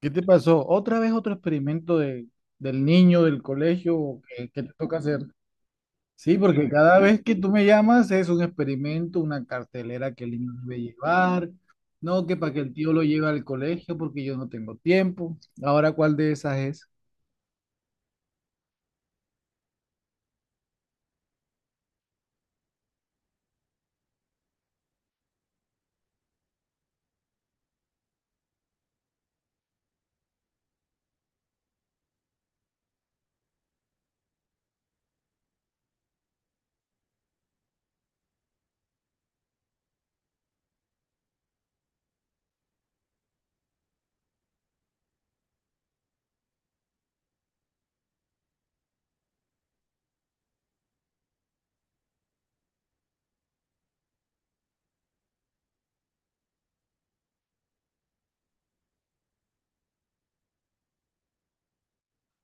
¿Qué te pasó? ¿Otra vez otro experimento del niño del colegio que te toca hacer? Sí, porque cada vez que tú me llamas es un experimento, una cartelera que el niño debe llevar, no que para que el tío lo lleve al colegio porque yo no tengo tiempo. Ahora, ¿cuál de esas es?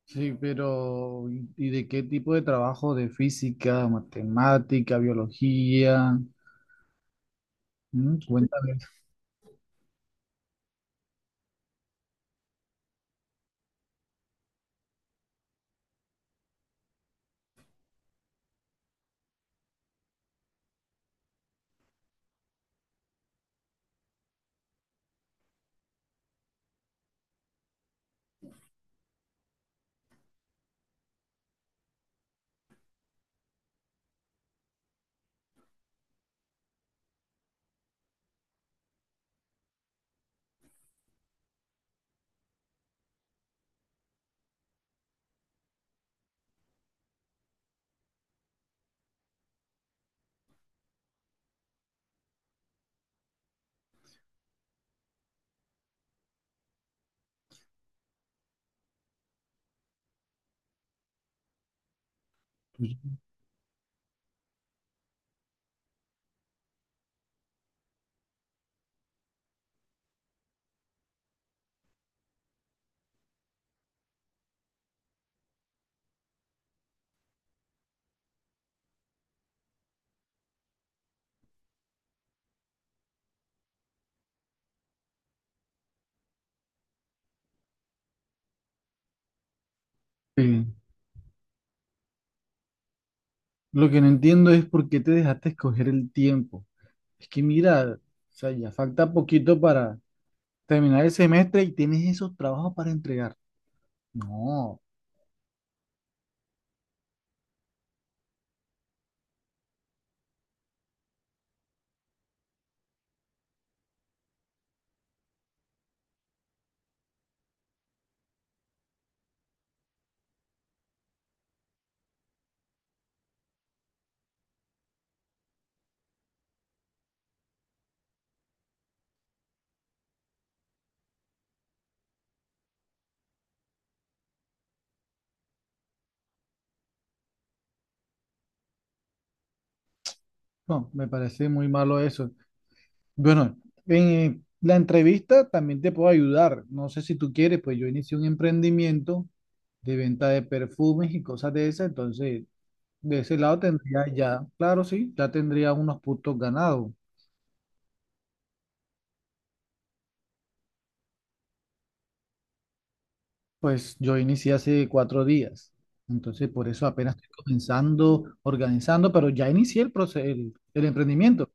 Sí, pero ¿y de qué tipo de trabajo? ¿De física, matemática, biología? Cuéntame. Pues, eh, lo que no entiendo es por qué te dejaste escoger el tiempo. Es que mira, o sea, ya falta poquito para terminar el semestre y tienes esos trabajos para entregar. No, no, me parece muy malo eso. Bueno, en la entrevista también te puedo ayudar. No sé si tú quieres, pues yo inicié un emprendimiento de venta de perfumes y cosas de esas, entonces de ese lado tendría ya, claro, sí, ya tendría unos puntos ganados. Pues yo inicié hace 4 días, entonces por eso apenas estoy comenzando, organizando, pero ya inicié el proceso, el emprendimiento.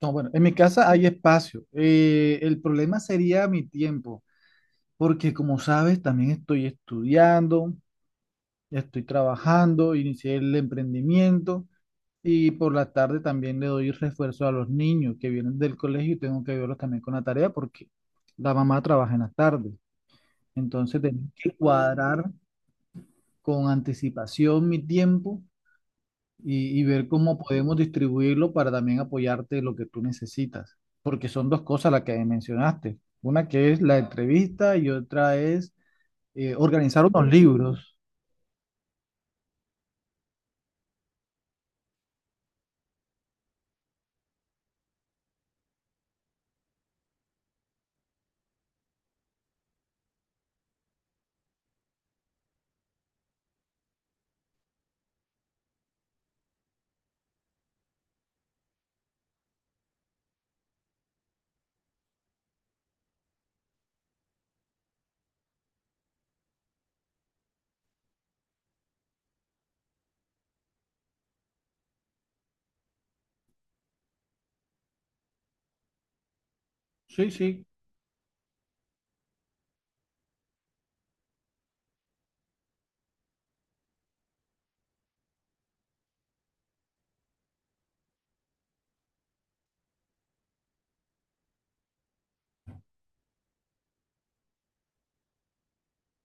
No, bueno, en mi casa hay espacio. El problema sería mi tiempo, porque como sabes, también estoy estudiando, estoy trabajando, inicié el emprendimiento y por la tarde también le doy refuerzo a los niños que vienen del colegio y tengo que ayudarlos también con la tarea porque la mamá trabaja en las tardes. Entonces tengo que cuadrar con anticipación mi tiempo y ver cómo podemos distribuirlo para también apoyarte en lo que tú necesitas. Porque son dos cosas las que mencionaste. Una que es la entrevista y otra es organizar unos libros. Sí, sí.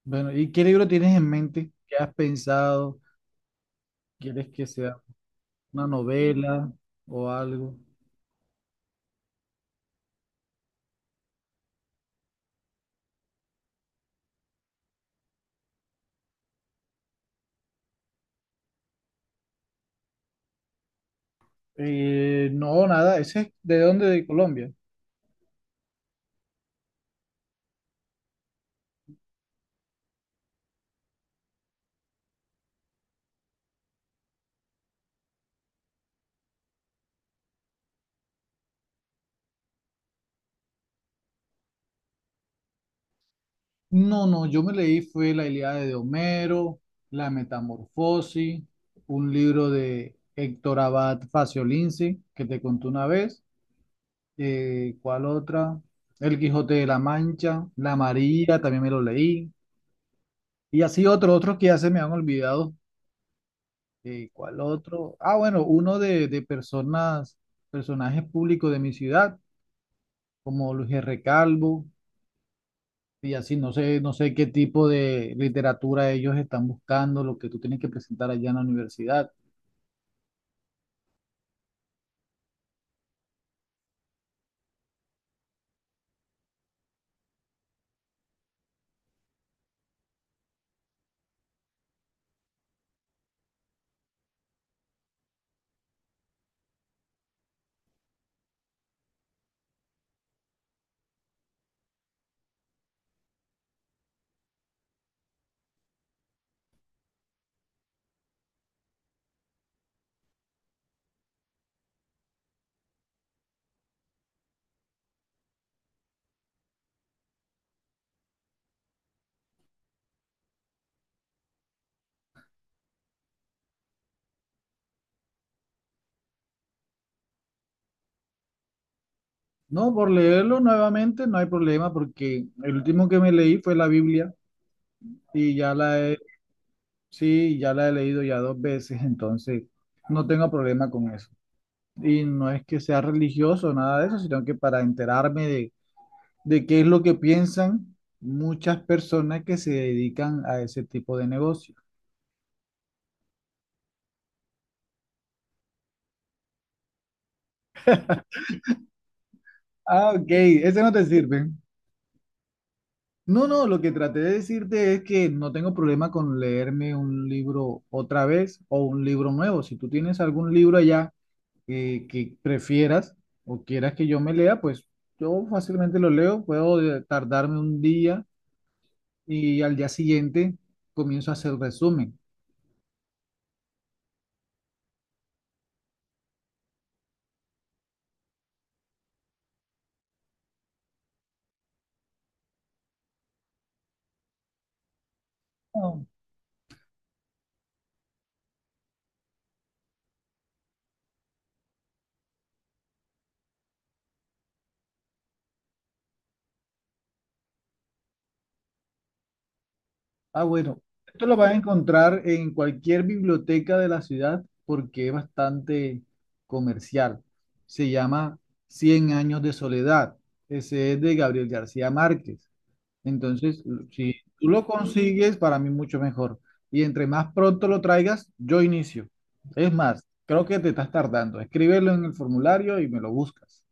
Bueno, ¿y qué libro tienes en mente? ¿Qué has pensado? ¿Quieres que sea una novela o algo? No, nada. ¿Ese es de dónde? ¿De Colombia? No, no, yo me leí fue la Ilíada de Homero, la Metamorfosis, un libro de Héctor Abad Faciolince, que te conté una vez, ¿cuál otra? El Quijote de la Mancha, La María, también me lo leí, y así otros, otros que ya se me han olvidado, ¿cuál otro? Ah, bueno, uno de, personas, personajes públicos de mi ciudad, como Luis R. Calvo. Y así no sé, no sé qué tipo de literatura ellos están buscando, lo que tú tienes que presentar allá en la universidad. No, por leerlo nuevamente no hay problema porque el último que me leí fue la Biblia y sí, ya la he leído ya 2 veces, entonces no tengo problema con eso. Y no es que sea religioso, nada de eso, sino que para enterarme de qué es lo que piensan muchas personas que se dedican a ese tipo de negocio. Ah, ok, ese no te sirve. No, no, lo que traté de decirte es que no tengo problema con leerme un libro otra vez o un libro nuevo. Si tú tienes algún libro allá, que prefieras o quieras que yo me lea, pues yo fácilmente lo leo, puedo tardarme un día y al día siguiente comienzo a hacer resumen. Ah, bueno, esto lo vas a encontrar en cualquier biblioteca de la ciudad porque es bastante comercial. Se llama Cien años de soledad. Ese es de Gabriel García Márquez. Entonces, si tú lo consigues, para mí mucho mejor. Y entre más pronto lo traigas, yo inicio. Es más, creo que te estás tardando. Escríbelo en el formulario y me lo buscas.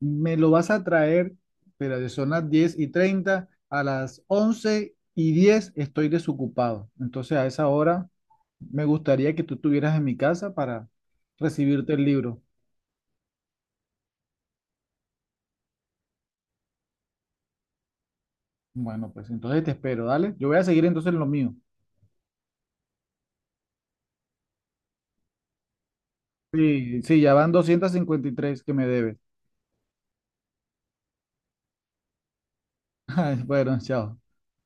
Me lo vas a traer, pero son las 10:30; a las 11:10 estoy desocupado. Entonces a esa hora me gustaría que tú estuvieras en mi casa para recibirte el libro. Bueno, pues entonces te espero, dale. Yo voy a seguir entonces en lo mío. Sí, sí, ya van 253 que me debes. Bueno, chao.